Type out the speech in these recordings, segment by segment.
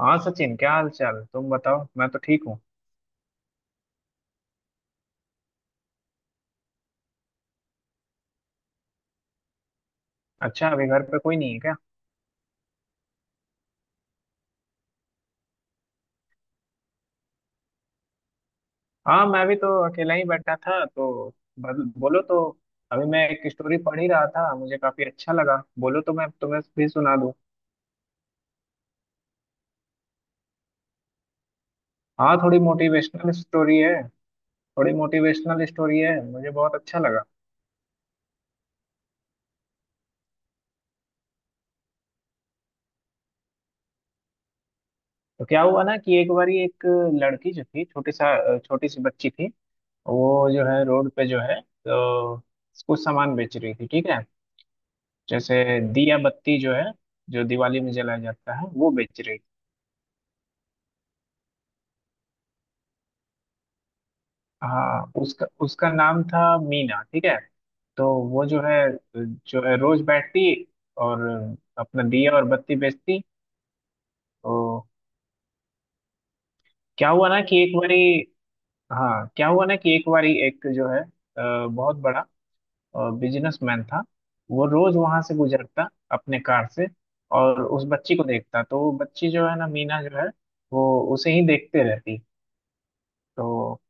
हाँ सचिन, क्या हाल चाल, तुम बताओ। मैं तो ठीक हूँ। अच्छा, अभी घर पे कोई नहीं है क्या। हाँ, मैं भी तो अकेला ही बैठा था, तो बोलो तो। अभी मैं एक स्टोरी पढ़ ही रहा था, मुझे काफी अच्छा लगा, बोलो तो मैं तुम्हें भी सुना दूँ। हाँ, थोड़ी मोटिवेशनल स्टोरी है। थोड़ी मोटिवेशनल स्टोरी है, मुझे बहुत अच्छा लगा। तो क्या हुआ ना कि एक बारी एक लड़की जो थी, छोटी सी बच्ची थी। वो जो है रोड पे जो है, तो कुछ सामान बेच रही थी, ठीक है। जैसे दिया बत्ती जो है, जो दिवाली में जलाया जाता है, वो बेच रही। हाँ, उसका उसका नाम था मीना, ठीक है। तो वो जो है, जो है रोज बैठती और अपना दिया और बत्ती बेचती तो। क्या हुआ ना कि एक बारी, हाँ, क्या हुआ ना कि एक बारी, एक जो है बहुत बड़ा बिजनेसमैन था। वो रोज वहां से गुजरता अपने कार से और उस बच्ची को देखता, तो वो बच्ची जो है ना, मीना जो है, वो उसे ही देखते रहती तो।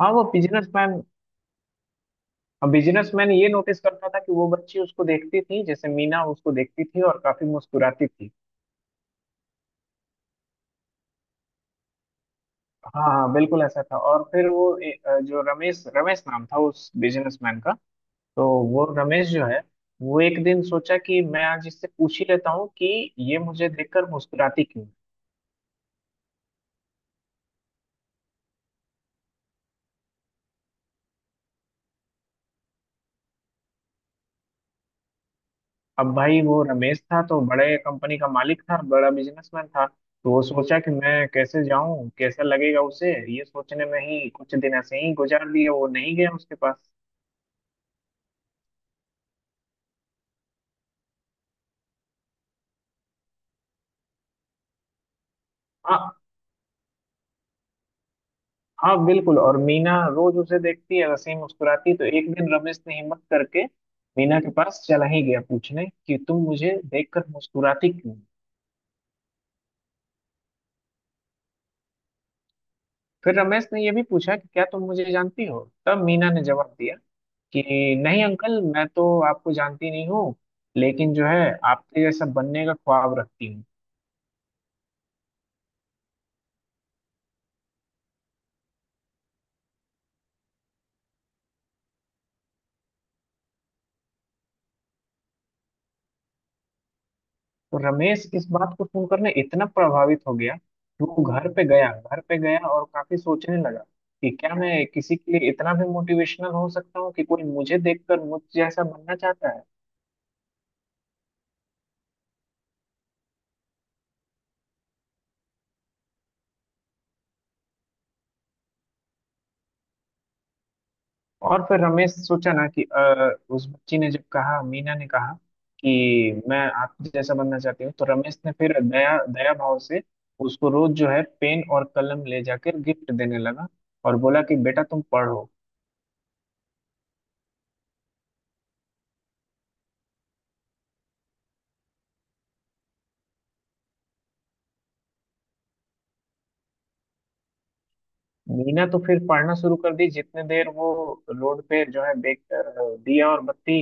हाँ वो बिजनेसमैन बिजनेसमैन ये नोटिस करता था कि वो बच्ची उसको देखती थी, जैसे मीना उसको देखती थी और काफी मुस्कुराती थी। हाँ हाँ, बिल्कुल ऐसा था। और फिर वो जो रमेश रमेश नाम था उस बिजनेसमैन का। तो वो रमेश जो है, वो एक दिन सोचा कि मैं आज इससे पूछ ही लेता हूँ कि ये मुझे देखकर मुस्कुराती क्यों। अब भाई, वो रमेश था तो बड़े कंपनी का मालिक था, बड़ा बिजनेसमैन था, तो वो सोचा कि मैं कैसे जाऊं, कैसा लगेगा उसे, ये सोचने में ही कुछ दिन ऐसे ही गुजार दिए, वो नहीं गया उसके पास। हाँ हाँ बिल्कुल। और मीना रोज उसे देखती है, वैसे ही मुस्कुराती है। तो एक दिन रमेश ने हिम्मत करके मीना के पास चला ही गया पूछने कि तुम मुझे देखकर मुस्कुराती क्यों। फिर रमेश ने ये भी पूछा कि क्या तुम मुझे जानती हो। तब मीना ने जवाब दिया कि नहीं अंकल, मैं तो आपको जानती नहीं हूँ, लेकिन जो है आपके जैसा बनने का ख्वाब रखती हूँ। तो रमेश इस बात को सुनकर ना इतना प्रभावित हो गया कि वो घर पे गया, घर पे गया और काफी सोचने लगा कि क्या मैं किसी के लिए इतना भी मोटिवेशनल हो सकता हूँ कि कोई मुझे देखकर मुझ जैसा बनना चाहता है। और फिर रमेश सोचा ना कि उस बच्ची ने जब कहा, मीना ने कहा कि मैं आप जैसा बनना चाहती हूँ, तो रमेश ने फिर दया दया भाव से उसको रोज जो है पेन और कलम ले जाकर गिफ्ट देने लगा और बोला कि बेटा तुम पढ़ो। मीना तो फिर पढ़ना शुरू कर दी, जितने देर वो रोड पे जो है बेच दिया और बत्ती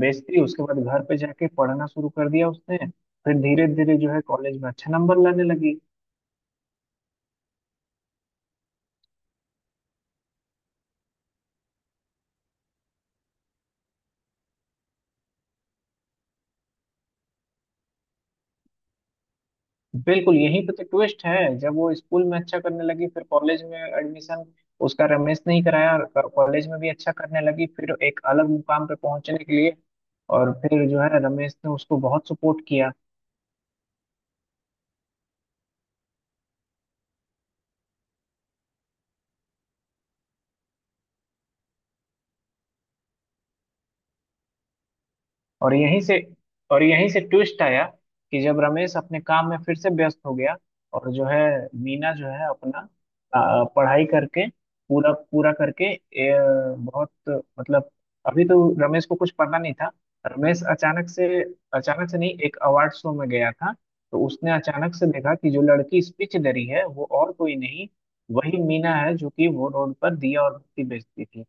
बेचती, उसके बाद घर पे जाके पढ़ना शुरू कर दिया उसने। फिर धीरे धीरे जो है कॉलेज में अच्छा नंबर लाने लगी। बिल्कुल यहीं पे तो ट्विस्ट है, जब वो स्कूल में अच्छा करने लगी, फिर कॉलेज में एडमिशन उसका रमेश ने ही कराया और कॉलेज में भी अच्छा करने लगी, फिर एक अलग मुकाम पे पहुंचने के लिए। और फिर जो है रमेश ने उसको बहुत सपोर्ट किया। और यहीं से और यहीं से ट्विस्ट आया कि जब रमेश अपने काम में फिर से व्यस्त हो गया और जो है मीना जो है अपना पढ़ाई करके, पूरा पूरा करके, बहुत, मतलब, अभी तो रमेश को कुछ पता नहीं था। रमेश अचानक से, अचानक से नहीं, एक अवार्ड शो में गया था, तो उसने अचानक से देखा कि जो लड़की स्पीच दे रही है, वो और कोई नहीं, वही मीना है, जो कि वो रोड पर दिया और बत्ती बेचती थी।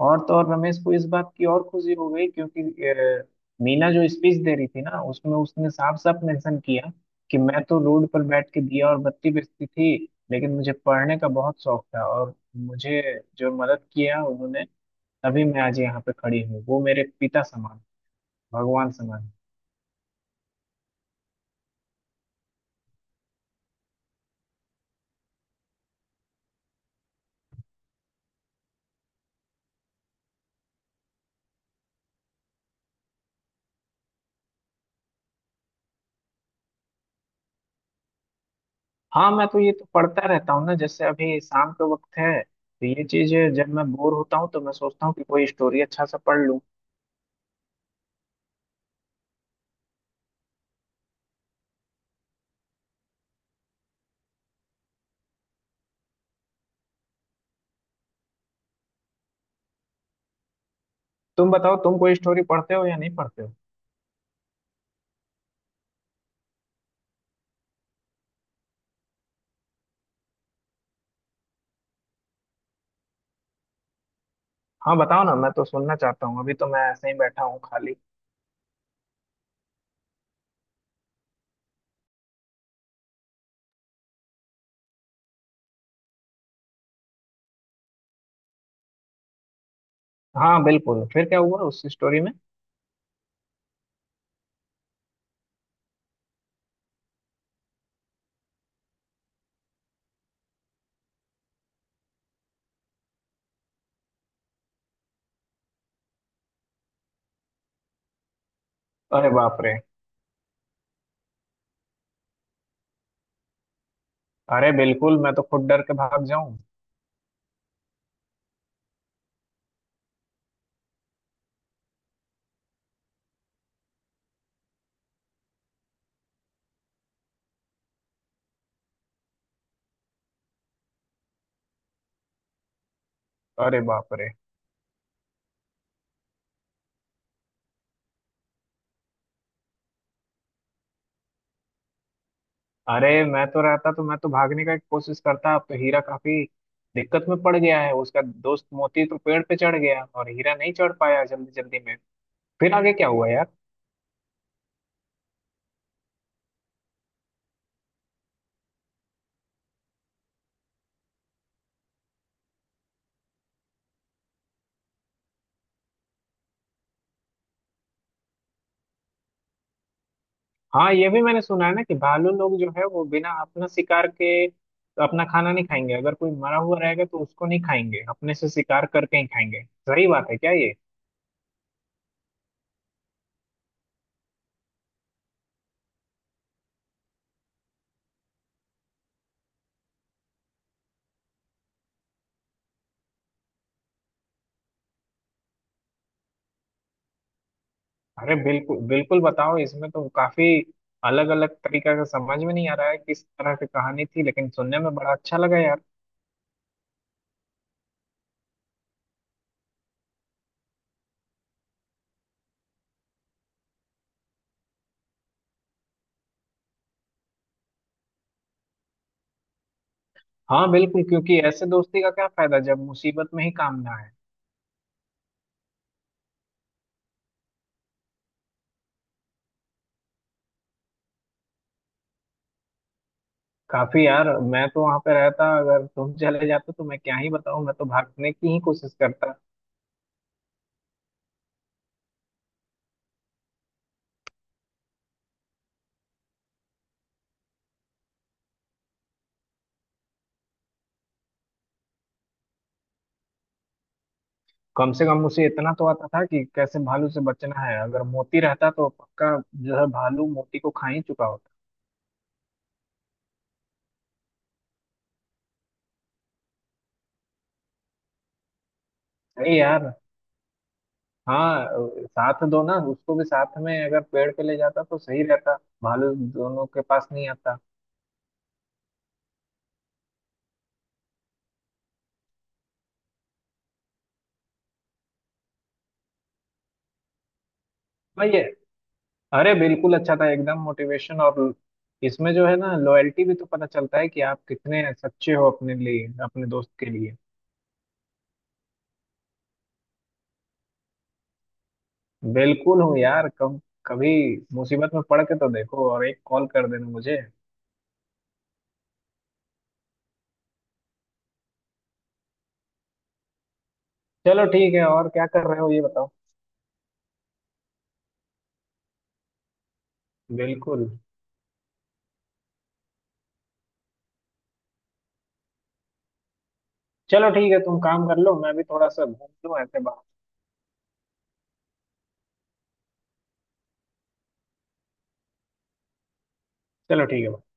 और तो और, रमेश को इस बात की और खुशी हो गई, क्योंकि अ, मीना जो स्पीच दे रही थी ना, उसमें उसने साफ साफ मेंशन किया कि मैं तो रोड पर बैठ के दिया और बत्ती बेचती थी, लेकिन मुझे पढ़ने का बहुत शौक था और मुझे जो मदद किया उन्होंने, तभी मैं आज यहाँ पे खड़ी हूँ, वो मेरे पिता समान, भगवान समान। हाँ, मैं तो ये तो पढ़ता रहता हूँ ना, जैसे अभी शाम का वक्त है तो ये चीज है, जब मैं बोर होता हूँ तो मैं सोचता हूँ कि कोई स्टोरी अच्छा सा पढ़ लूँ। तुम बताओ, तुम कोई स्टोरी पढ़ते हो या नहीं पढ़ते हो। हाँ, बताओ ना, मैं तो सुनना चाहता हूँ, अभी तो मैं ऐसे ही बैठा हूँ खाली। हाँ बिल्कुल, फिर क्या हुआ उस स्टोरी में। अरे बाप रे। अरे बिल्कुल, मैं तो खुद डर के भाग जाऊं। अरे बाप रे। अरे, मैं तो रहता तो मैं तो भागने का कोशिश करता। अब तो हीरा काफी दिक्कत में पड़ गया है, उसका दोस्त मोती तो पेड़ पे चढ़ गया और हीरा नहीं चढ़ पाया जल्दी जल्दी में। फिर आगे क्या हुआ। हाँ, ये भी मैंने सुना है ना कि भालू लोग जो है वो बिना अपना शिकार के अपना खाना नहीं खाएंगे, अगर कोई मरा हुआ रहेगा तो उसको नहीं खाएंगे, अपने से शिकार करके ही खाएंगे। सही बात है क्या ये। अरे बिल्कुल बिल्कुल, बताओ, इसमें तो काफी अलग अलग तरीका का, समझ में नहीं आ रहा है किस तरह की कहानी थी, लेकिन सुनने में बड़ा अच्छा लगा यार। हाँ बिल्कुल, क्योंकि ऐसे दोस्ती का क्या फायदा जब मुसीबत में ही काम ना है। काफी यार, मैं तो वहां पे रहता अगर तुम चले जाते तो, मैं क्या ही बताऊं, मैं तो भागने की ही कोशिश करता। कम से कम उसे इतना तो आता था कि कैसे भालू से बचना है, अगर मोती रहता तो पक्का जो है भालू मोती को खा ही चुका होता। अरे यार। हाँ साथ दो ना, उसको भी साथ में अगर पेड़ पे ले जाता तो सही रहता, भालू दोनों के पास नहीं आता। भाई ये, अरे बिल्कुल अच्छा था एकदम, मोटिवेशन और इसमें जो है ना लॉयल्टी भी तो पता चलता है कि आप कितने सच्चे हो अपने लिए, अपने दोस्त के लिए। बिल्कुल हूँ यार, कब कभी मुसीबत में पड़ के तो देखो, और एक कॉल कर देना मुझे। चलो ठीक है, और क्या कर रहे हो ये बताओ। बिल्कुल। चलो ठीक है, तुम काम कर लो, मैं भी थोड़ा सा घूम लूँ ऐसे बाहर। चलो ठीक है।